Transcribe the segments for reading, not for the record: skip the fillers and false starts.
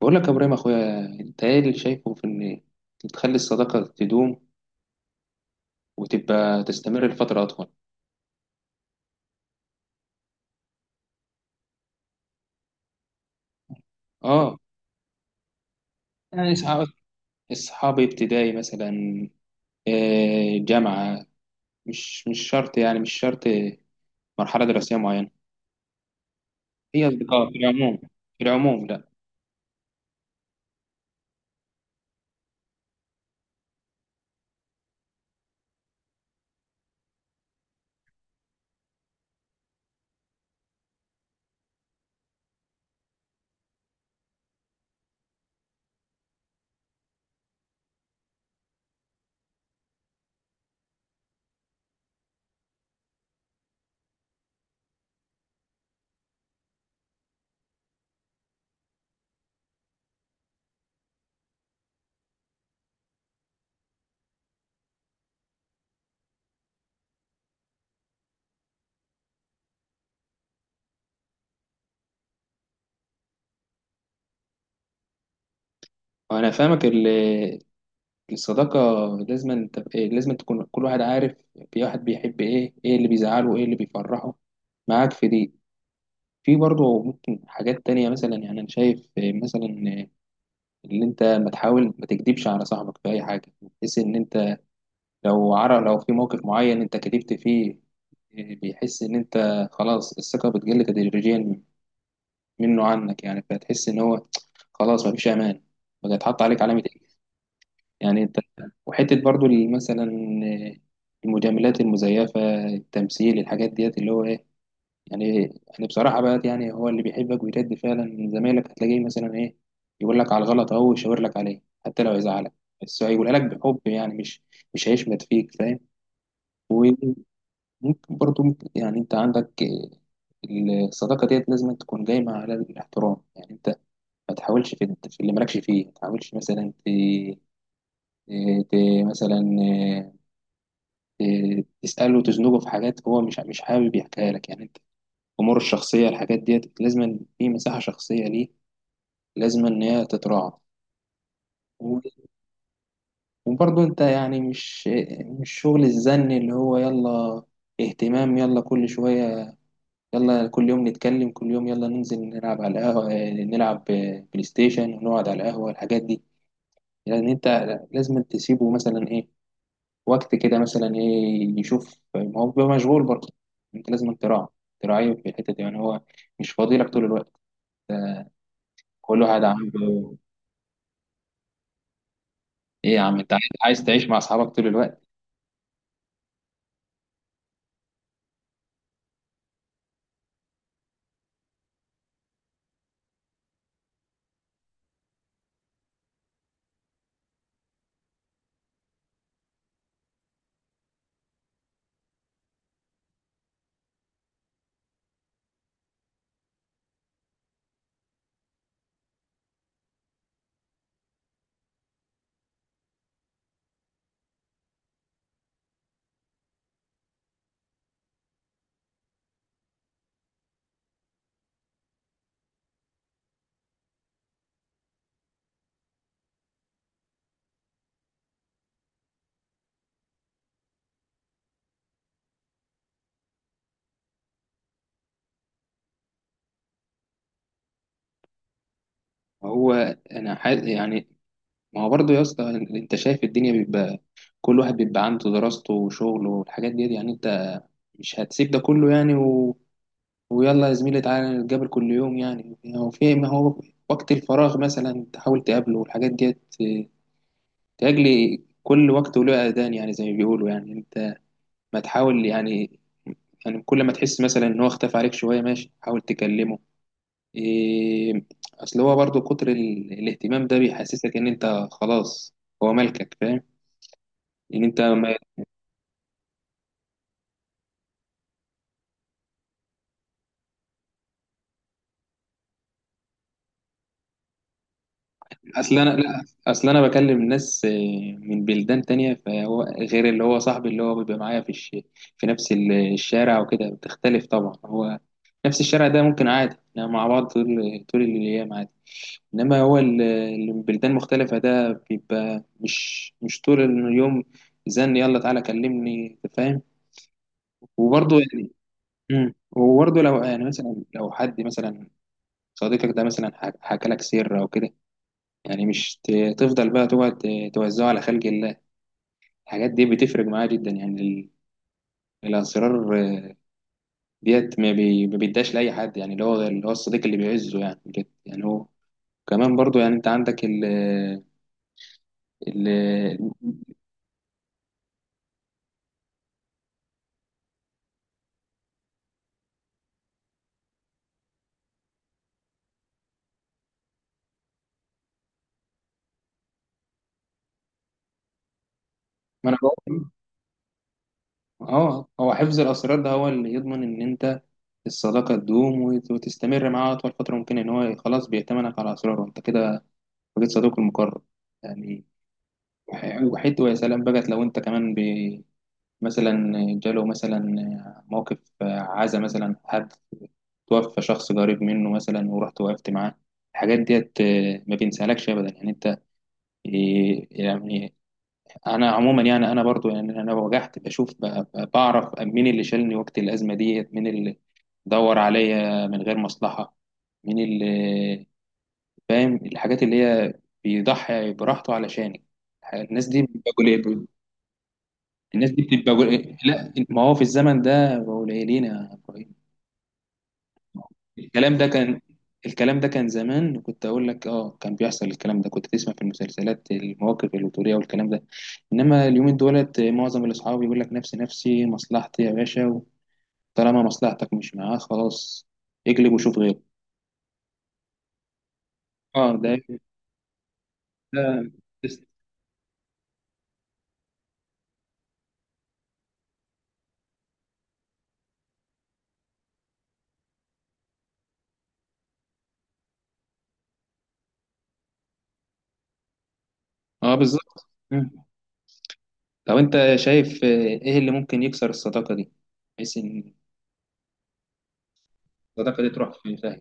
بقول لك يا ابراهيم اخويا، انت ايه اللي شايفه في ان تخلي الصداقه تدوم وتبقى تستمر لفتره اطول؟ اه. يعني اصحاب ابتدائي مثلا، جامعه. مش شرط يعني، مش شرط مرحله دراسيه معينه. هي اصدقاء في العموم، في العموم. لا. وانا فاهمك الصداقه، انت لازم تكون كل واحد عارف. في واحد بيحب ايه، ايه اللي بيزعله، ايه اللي بيفرحه، معاك في دي. في برضه ممكن حاجات تانية مثلا، يعني أنا شايف مثلا إن أنت ما تكدبش على صاحبك في أي حاجة، بحيث إن أنت لو عرف، لو في موقف معين أنت كدبت فيه، بيحس إن أنت خلاص الثقة بتقل تدريجيا منه عنك، يعني فتحس إن هو خلاص مفيش أمان، بقى يتحط عليك علامة إيه، يعني أنت. وحتة برضه مثلا، المجاملات المزيفة، التمثيل، الحاجات ديت اللي هو إيه يعني. يعني بصراحة بقى، يعني هو اللي بيحبك ويرد فعلا من زمايلك هتلاقيه مثلا إيه، يقول لك على الغلط أهو ويشاور لك عليه حتى لو يزعلك، بس هيقولها لك بحب، يعني مش هيشمت فيك. فاهم؟ وممكن برضه يعني أنت عندك الصداقة ديت لازم تكون قايمة على الاحترام. يعني أنت ما تحاولش في اللي مالكش فيه، ما تحاولش مثلا ت... مثلا تسأله وتزنقه في حاجات هو مش حابب يحكيها لك يعني. امور الشخصيه، الحاجات ديت لازم، في مساحه شخصيه ليه لازم ان هي تتراعى. و- وبرضه انت يعني مش شغل الزن، اللي هو يلا اهتمام، يلا كل شويه، يلا كل يوم نتكلم، كل يوم يلا ننزل نلعب على القهوه، نلعب بلاي ستيشن، ونقعد على القهوه الحاجات دي. يعني انت لازم تسيبه مثلا ايه وقت كده، مثلا ايه يشوف، ما هو بيبقى مشغول برضه. انت لازم تراعيه في الحته دي، يعني هو مش فاضي لك طول الوقت. كل واحد عنده. ايه يا عم انت عايز تعيش مع اصحابك طول الوقت؟ ما هو انا حاس يعني، ما هو برضه يا اسطى، انت شايف الدنيا بيبقى كل واحد بيبقى عنده دراسته وشغله والحاجات دي، يعني انت مش هتسيب ده كله يعني ويلا يا زميلي تعالى نتقابل كل يوم، يعني هو في، ما هو وقت الفراغ مثلا تحاول تقابله والحاجات دي. تأجلي كل وقت وله أذان، يعني زي ما بيقولوا، يعني انت ما تحاول يعني. يعني كل ما تحس مثلا ان هو اختفى عليك شوية ماشي، حاول تكلمه إيه. اصل هو برضو كتر الاهتمام ده بيحسسك ان انت خلاص هو ملكك. فاهم؟ ان انت ما... اصل انا، لا، اصل انا بكلم ناس إيه، من بلدان تانية، فهو غير اللي هو صاحبي اللي هو بيبقى معايا في في نفس الشارع وكده، بتختلف طبعا هو. نفس الشارع ده ممكن عادي احنا مع بعض طول الايام عادي. انما هو اللي من بلدان مختلفة ده بيبقى مش طول اليوم. زن يلا تعالى كلمني. أنت فاهم؟ وبرضه وبرضه لو يعني مثلا، لو حد مثلا صديقك ده مثلا حكى لك سر او كده، يعني مش تفضل بقى تقعد توزعه على خلق الله. الحاجات دي بتفرق معاه جدا، يعني الاسرار ديت ما بيداش لاي حد. يعني اللي هو الصديق اللي بيعزه يعني بجد، يعني هو كمان برضه، يعني انت عندك ال ال ما انا بقول. اه، هو حفظ الاسرار ده هو اللي يضمن ان انت الصداقه تدوم وتستمر معاه اطول فتره ممكنه، ان هو خلاص بيأتمنك على اسراره. انت كده وجد صديقه المقرب يعني، وحيد. ويا سلام بقت لو انت كمان مثلا جاله مثلا موقف عزا، مثلا حد توفى شخص قريب منه مثلا ورحت وقفت معاه. الحاجات ديت ما بينسالكش ابدا، يعني انت يعني انا عموما، يعني انا برضو يعني انا وجعت، بشوف بعرف مين اللي شالني وقت الازمه ديت، مين اللي دور عليا من غير مصلحه، مين اللي فاهم الحاجات اللي هي بيضحي براحته علشانك. الناس دي بتبقى قليل. الناس دي بتبقى قليل. لا، ما هو في الزمن ده بقوا قليلين يا إبراهيم. الكلام ده كان الكلام ده كان زمان، كنت اقول لك اه كان بيحصل. الكلام ده كنت تسمع في المسلسلات، المواقف الوتريه والكلام ده. انما اليومين دولت معظم الاصحاب يقول لك نفسي، نفسي، مصلحتي يا باشا. طالما مصلحتك مش معاه خلاص، اقلب وشوف غيره. اه، ده ده اه بالظبط. لو انت شايف ايه اللي ممكن يكسر الصداقة دي، بحيث ان الصداقة دي تروح في فهم.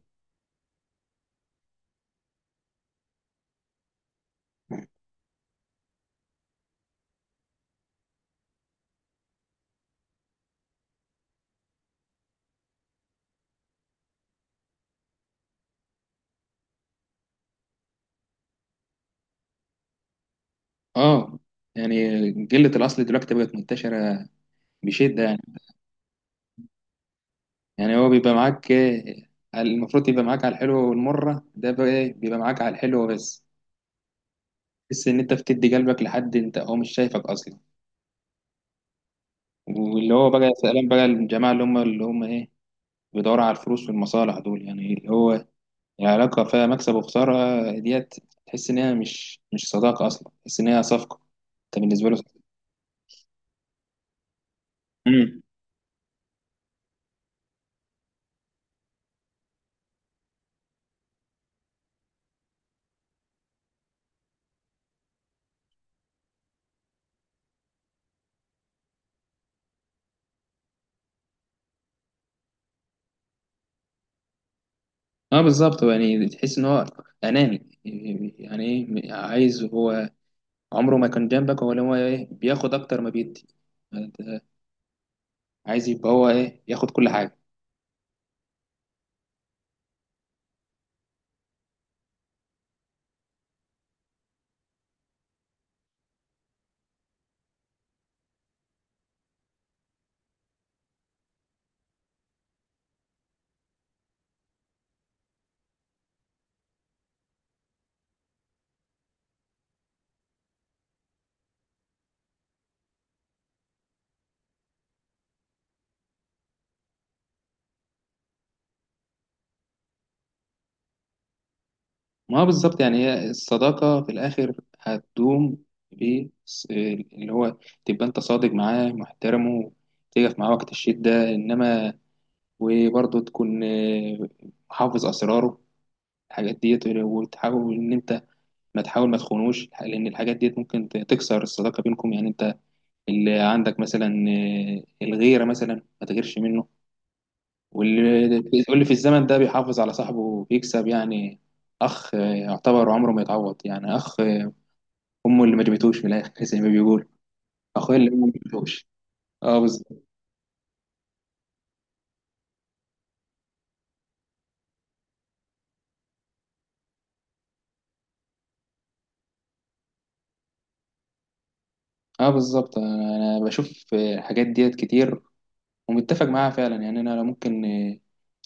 اه. يعني قلة الأصل دلوقتي بقت منتشرة بشدة، يعني. يعني هو بيبقى معاك المفروض يبقى معاك على الحلو والمرة، ده بقى إيه؟ بيبقى معاك على الحلو بس. تحس إن أنت بتدي قلبك لحد أنت هو مش شايفك أصلا. واللي هو بقى سلام بقى الجماعة اللي هم إيه، بيدوروا على الفلوس والمصالح دول، يعني اللي هو، يعني علاقة فيها مكسب وخسارة ديت، تحس إن هي مش صداقة أصلا، تحس إن هي صفقة أنت بالنسبة له. امم اه بالظبط، يعني تحس إن هو أناني. يعني إيه عايز هو، عمره ما كان جنبك، هو اللي هو إيه بياخد أكتر ما بيدي. عايز يبقى هو إيه ياخد كل حاجة. ما هو بالظبط، يعني هي الصداقة في الآخر هتدوم ب اللي هو تبقى أنت صادق معاه محترمه، تقف معاه وقت الشدة. إنما وبرضه تكون حافظ أسراره الحاجات ديت، وتحاول إن أنت ما تخونوش، لأن الحاجات ديت ممكن تكسر الصداقة بينكم. يعني أنت اللي عندك مثلا الغيرة مثلا، ما تغيرش منه. واللي في الزمن ده بيحافظ على صاحبه وبيكسب، يعني أخ يعتبر عمره ما يتعوض يعني. أخ أمه اللي ما جابتوش من الآخر زي ما بيقول أخويا اللي أمه ما جابتوش. اه بالظبط. اه بالظبط. انا بشوف الحاجات ديت كتير ومتفق معاها فعلا. يعني انا لو ممكن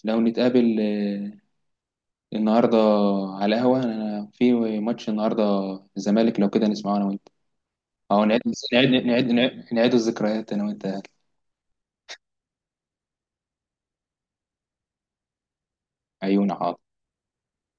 لو نتقابل النهارده على قهوه، انا في ماتش النهارده، الزمالك، لو كده نسمعه انا وانت، او نعيد الذكريات انا وانت. عيون.